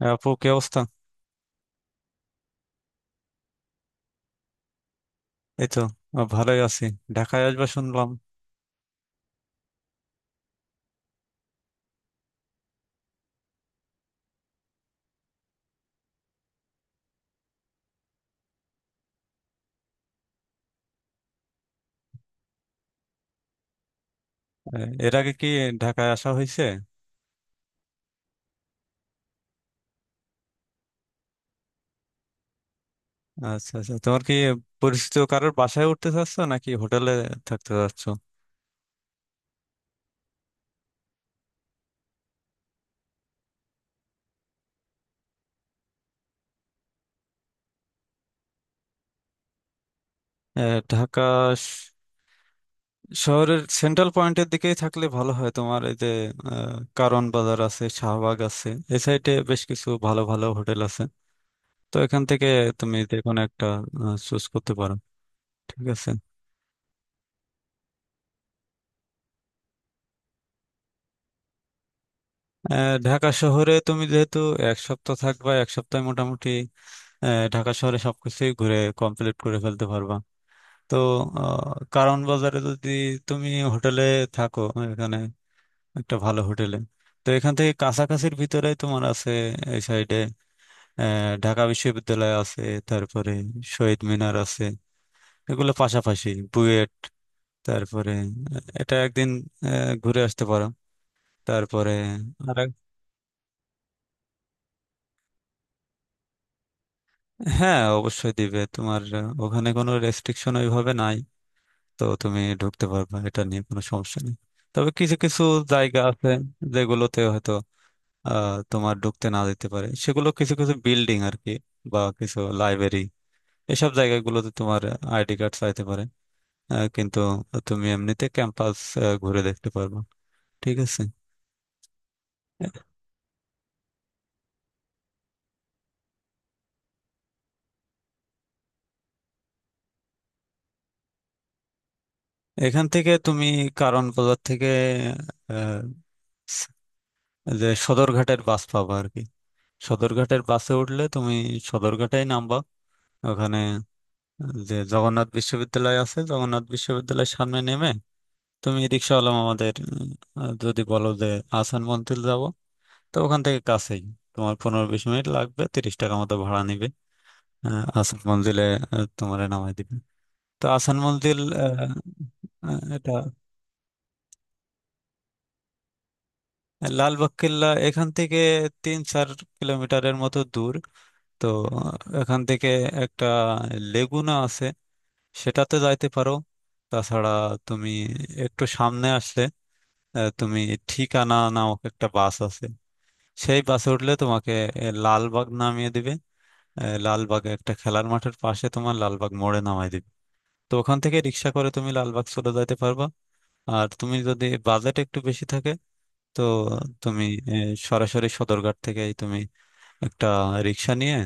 হ্যাঁ, আপু কি অবস্থা? এই তো। ভালোই আছি। ঢাকায় আসবা শুনলাম। এর আগে কি ঢাকায় আসা হয়েছে? আচ্ছা আচ্ছা, তোমার কি পরিচিত কারোর বাসায় উঠতে চাচ্ছ নাকি হোটেলে থাকতে চাচ্ছ? ঢাকা শ- শহরের সেন্ট্রাল পয়েন্টের দিকেই থাকলে ভালো হয়। তোমার এই যে কারওয়ান বাজার আছে, শাহবাগ আছে, এই সাইডে বেশ কিছু ভালো ভালো হোটেল আছে। তো এখান থেকে তুমি যে কোনো একটা চুজ করতে পারো, ঠিক আছে। ঢাকা শহরে তুমি যেহেতু এক সপ্তাহ থাকবা, এক সপ্তাহে মোটামুটি ঢাকা শহরে সবকিছুই ঘুরে কমপ্লিট করে ফেলতে পারবা। তো কারওয়ান বাজারে যদি তুমি হোটেলে থাকো, এখানে একটা ভালো হোটেলে, তো এখান থেকে কাছাকাছির ভিতরে তোমার আছে এই সাইডে ঢাকা বিশ্ববিদ্যালয় আছে, তারপরে শহীদ মিনার আছে, এগুলো পাশাপাশি বুয়েট। তারপরে এটা একদিন ঘুরে আসতে পারো। তারপরে আর এক- হ্যাঁ, অবশ্যই দিবে তোমার। ওখানে কোনো রেস্ট্রিকশন ওইভাবে নাই। তো তুমি ঢুকতে পারবে, এটা নিয়ে কোনো সমস্যা নেই। তবে কিছু কিছু জায়গা আছে যেগুলোতে হয়তো তোমার ঢুকতে না দিতে পারে, সেগুলো কিছু কিছু বিল্ডিং আর কি, বা কিছু লাইব্রেরি। এসব জায়গাগুলোতে তোমার আইডি কার্ড চাইতে পারে। কিন্তু তুমি এমনিতে ক্যাম্পাস ঘুরে দেখতে পারবে, ঠিক আছে। এখান থেকে তুমি কারণ বাজার থেকে আহ, যে সদরঘাটের বাস পাবা আর কি। সদরঘাটের বাসে উঠলে তুমি সদরঘাটেই নামবা। ওখানে যে জগন্নাথ বিশ্ববিদ্যালয় আছে, জগন্নাথ বিশ্ববিদ্যালয়ের সামনে নেমে তুমি রিক্সাওয়ালা আমাদের যদি বলো যে আসান মন্থিল যাব, তো ওখান থেকে কাছেই, তোমার 15-20 মিনিট লাগবে, 30 টাকা মতো ভাড়া নিবে। আসান মঞ্জিলে তোমার নামাই দিবে। তো আসান মঞ্জিল আহ, আহ, এটা লালবাগ কেল্লা এখান থেকে 3-4 কিলোমিটারের মতো দূর। তো এখান থেকে একটা লেগুনা আছে, সেটাতে যাইতে পারো। তাছাড়া তুমি একটু সামনে আসলে, তুমি ঠিকানা নামক একটা বাস আছে, সেই বাসে উঠলে তোমাকে লালবাগ নামিয়ে দিবে। লালবাগে একটা খেলার মাঠের পাশে তোমার লালবাগ মোড়ে নামাই দিবে। তো ওখান থেকে রিক্সা করে তুমি লালবাগ চলে যাইতে পারবা। আর তুমি যদি বাজেট একটু বেশি থাকে, তো তুমি আহ, সরাসরি সদরঘাট থেকেই তুমি একটা রিক্সা নিয়ে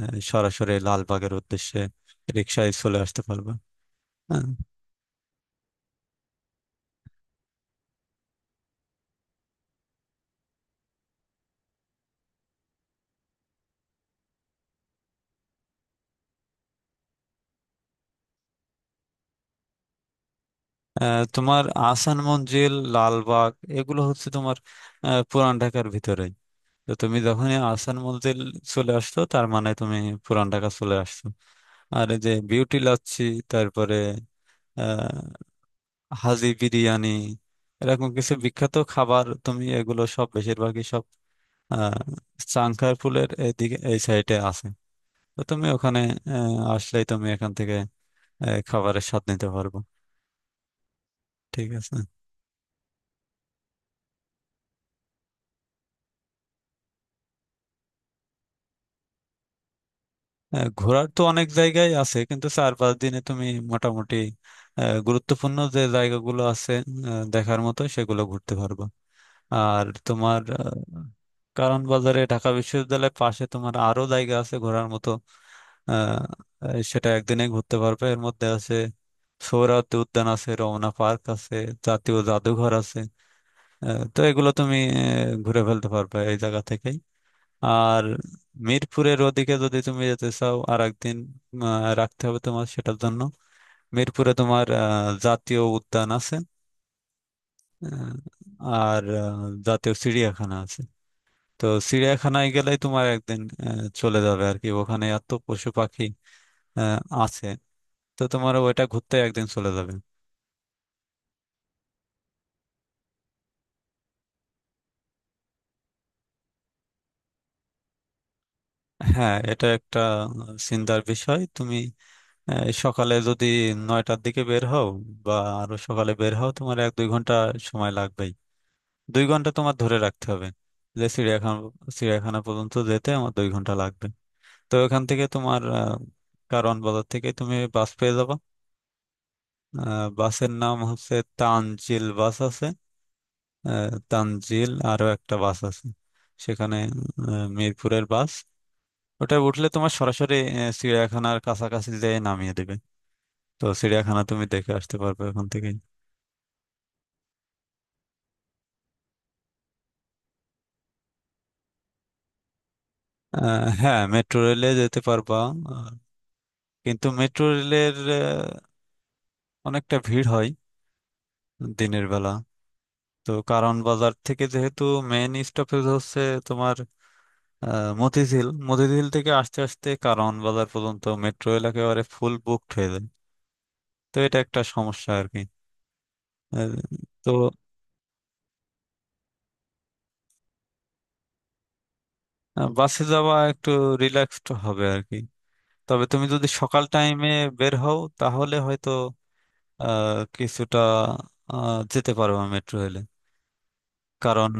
সরাসরি লালবাগের উদ্দেশ্যে রিক্সায় চলে আসতে পারবা। হ্যাঁ। তোমার আহসান মঞ্জিল, লালবাগ এগুলো হচ্ছে তোমার পুরান ঢাকার ভিতরে। তো তুমি যখনই আহসান মঞ্জিল চলে আসছো, তার মানে তুমি পুরান ঢাকা চলে আসছো। আর এই যে বিউটি লাচ্ছি, তারপরে আহ হাজি বিরিয়ানি, এরকম কিছু বিখ্যাত খাবার, তুমি এগুলো সব বেশিরভাগই সব আহ চাংখারপুলের এইদিকে এই সাইডে আছে। তো তুমি ওখানে আসলেই তুমি এখান থেকে খাবারের স্বাদ নিতে পারবো, ঠিক আছে। ঘোরার তো অনেক জায়গায় আছে, কিন্তু 4-5 দিনে তুমি মোটামুটি গুরুত্বপূর্ণ যে জায়গাগুলো আছে দেখার মতো, সেগুলো ঘুরতে পারবা। আর তোমার কারণ বাজারে ঢাকা বিশ্ববিদ্যালয়ের পাশে তোমার আরো জায়গা আছে ঘোরার মতো। আহ, আহ, সেটা একদিনে ঘুরতে পারবে। এর মধ্যে আছে সোহরাওয়ার্দী উদ্যান আছে, রমনা পার্ক আছে, জাতীয় জাদুঘর আছে। তো এগুলো তুমি ঘুরে ফেলতে পারবে এই জায়গা থেকেই। আর মিরপুরের ওদিকে যদি তুমি যেতে চাও, আর একদিন আহ, রাখতে হবে তোমার সেটার জন্য। মিরপুরে তোমার জাতীয় উদ্যান আছে, আহ, আর জাতীয় চিড়িয়াখানা আছে। তো চিড়িয়াখানায় গেলেই তোমার একদিন চলে যাবে আর কি। ওখানে এত পশু পাখি আছে। তো তোমার ওইটা ঘুরতে একদিন চলে যাবে। হ্যাঁ, এটা একটা চিন্তার বিষয়। তুমি সকালে যদি 9টার দিকে বের হও, বা আরো সকালে বের হও, তোমার 1-2 ঘন্টা সময় লাগবে। 2 ঘন্টা তোমার ধরে রাখতে হবে যে চিড়িয়াখানা, চিড়িয়াখানা পর্যন্ত যেতে আমার 2 ঘন্টা লাগবে। তো এখান থেকে তোমার কারওয়ান বাজার থেকে তুমি বাস পেয়ে যাবা। বাসের নাম হচ্ছে তানজিল বাস আছে, তানজিল আরো একটা বাস আছে সেখানে, মিরপুরের বাস। ওটা উঠলে তোমার সরাসরি চিড়িয়াখানার কাছাকাছি যেয়ে নামিয়ে দেবে। তো চিড়িয়াখানা তুমি দেখে আসতে পারবে ওখান থেকে। হ্যাঁ, মেট্রো রেলে যেতে পারবা। আহ, কিন্তু মেট্রো রেলের অনেকটা ভিড় হয় দিনের বেলা। তো কারণ বাজার থেকে যেহেতু মেইন স্টপেজ হচ্ছে তোমার মতিঝিল, মতিঝিল থেকে আস্তে আস্তে কারণ বাজার পর্যন্ত মেট্রো রেল একেবারে ফুল বুকড হয়ে যায়। তো এটা একটা সমস্যা আর কি। আহ, তো বাসে যাওয়া একটু রিল্যাক্সড হবে আর কি। তবে তুমি যদি সকাল টাইমে বের হও, তাহলে হয়তো কিছুটা যেতে পারবো মেট্রো রেলে। কারণ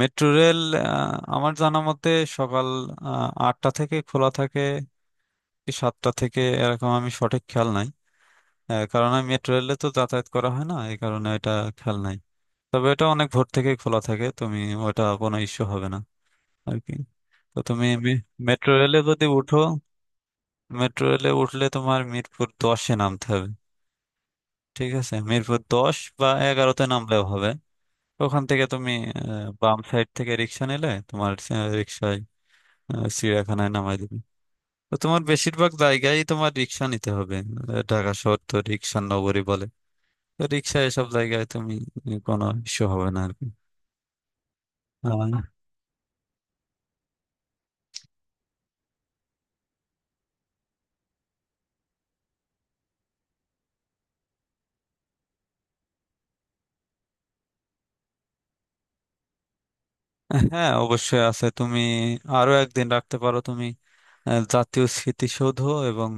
মেট্রো রেল আমার জানা মতে সকাল 8টা থেকে খোলা থাকে, এই 7টা থেকে, এরকম আমি সঠিক খেয়াল নাই। কারণ আমি মেট্রো রেলে তো যাতায়াত করা হয় না, এই কারণে এটা খেয়াল নাই। তবে এটা অনেক ভোর থেকে খোলা থাকে, তুমি ওটা কোনো ইস্যু হবে না আর কি। তো তুমি মেট্রো রেলে যদি উঠো, মেট্রো রেলে উঠলে তোমার মিরপুর 10-এ নামতে হবে, ঠিক আছে, মিরপুর 10 বা 11-তে নামলেও হবে। ওখান থেকে তুমি বাম সাইড থেকে রিক্সা নিলে তোমার রিক্সায় চিড়িয়াখানায় নামাই দিবে। তো তোমার বেশিরভাগ জায়গায় তোমার রিক্সা নিতে হবে। ঢাকা শহর তো রিক্সার নগরী বলে। তো রিক্সায় এসব জায়গায় তুমি কোনো ইস্যু হবে না আর কি। আহ, হ্যাঁ, অবশ্যই আছে। তুমি আরো একদিন রাখতে পারো তুমি জাতীয় স্মৃতিসৌধ এবং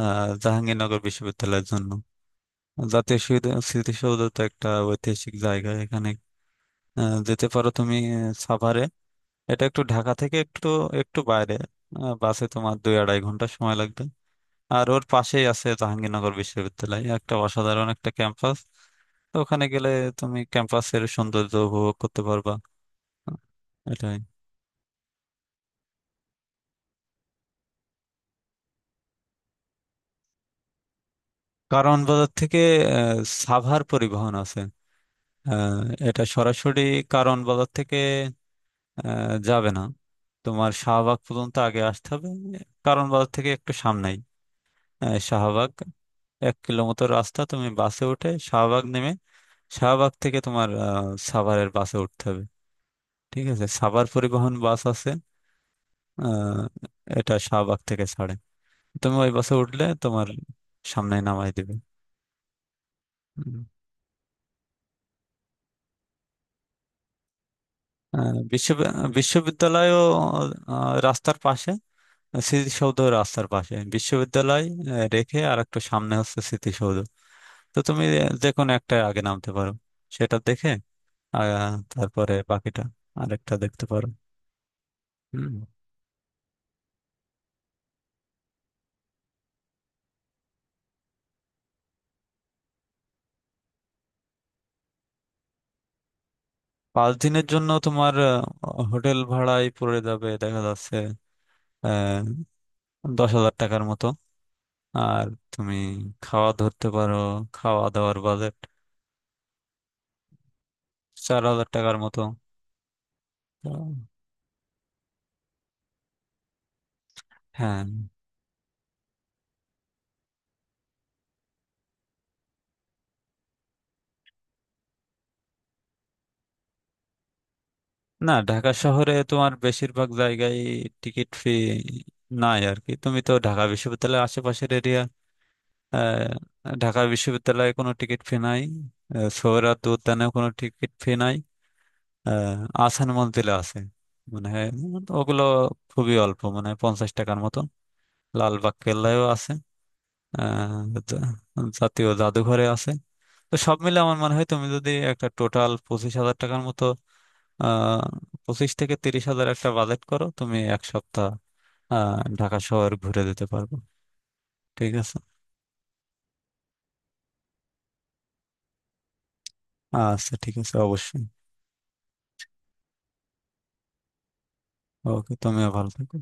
জাহাঙ্গীরনগর বিশ্ববিদ্যালয়ের জন্য। জাতীয় স্মৃতিসৌধ তো একটা ঐতিহাসিক জায়গা। এখানে যেতে পারো তুমি সাভারে। এটা একটু ঢাকা থেকে একটু একটু বাইরে। বাসে তোমার 2-2.5 ঘন্টা সময় লাগবে। আর ওর পাশেই আছে জাহাঙ্গীরনগর বিশ্ববিদ্যালয়, একটা অসাধারণ একটা ক্যাম্পাস। তো ওখানে গেলে তুমি ক্যাম্পাসের সৌন্দর্য উপভোগ করতে পারবা। এটাই। কারওয়ান বাজার থেকে আহ, সাভার পরিবহন আছে। আহ, এটা সরাসরি কারওয়ান বাজার থেকে যাবে না, তোমার শাহবাগ পর্যন্ত আগে আসতে হবে। কারওয়ান বাজার থেকে একটু সামনেই শাহবাগ, 1 কিলোমিটার রাস্তা। তুমি বাসে উঠে শাহবাগ নেমে, শাহবাগ থেকে তোমার সাভারের বাসে উঠতে হবে, ঠিক আছে। সাভার পরিবহন বাস আছে, আহ, এটা শাহবাগ থেকে ছাড়ে। তুমি ওই বাসে উঠলে তোমার সামনে নামাই দিবে। হুম। আহ, বিশ্ব বিশ্ববিদ্যালয়ও রাস্তার পাশে, স্মৃতিসৌধ রাস্তার পাশে, বিশ্ববিদ্যালয় রেখে আর একটু সামনে হচ্ছে স্মৃতিসৌধ। তো তুমি যে কোনো একটা আগে নামতে পারো, সেটা দেখে আহ, তারপরে বাকিটা আরেকটা দেখতে পারো। হুম। 5 দিনের জন্য তোমার হোটেল ভাড়ায় পড়ে যাবে, দেখা যাচ্ছে আহ 10 হাজার টাকার মতো। আর তুমি খাওয়া ধরতে পারো, খাওয়া দাওয়ার বাজেট 4 হাজার টাকার মতো। তো, হ্যাঁ। না, ঢাকা শহরে তোমার বেশিরভাগ জায়গায় টিকিট ফি নাই আর কি। তুমি তো ঢাকা বিশ্ববিদ্যালয়ের আশেপাশের এরিয়া, ঢাকা বিশ্ববিদ্যালয়ে কোনো টিকিট ফি নাই। সোহরাওয়ার্দী উদ্যানেও কোনো টিকিট ফি নাই। আহসান মঞ্জিলে আছে, মানে ওগুলো খুবই অল্প, মানে 50 টাকার মতো। লালবাগ কেল্লায়ও আছে। তো জাতীয় জাদুঘরে আছে। তো সব মিলে আমার মনে হয় তুমি যদি একটা টোটাল 25 হাজার টাকার মতো, আহ 25 থেকে 30 হাজার একটা বাজেট করো, তুমি এক সপ্তাহ ঢাকা শহর ঘুরে দিতে পারবো, ঠিক আছে। আচ্ছা, ঠিক আছে, অবশ্যই। ওকে, তুমিও ভালো থেকো।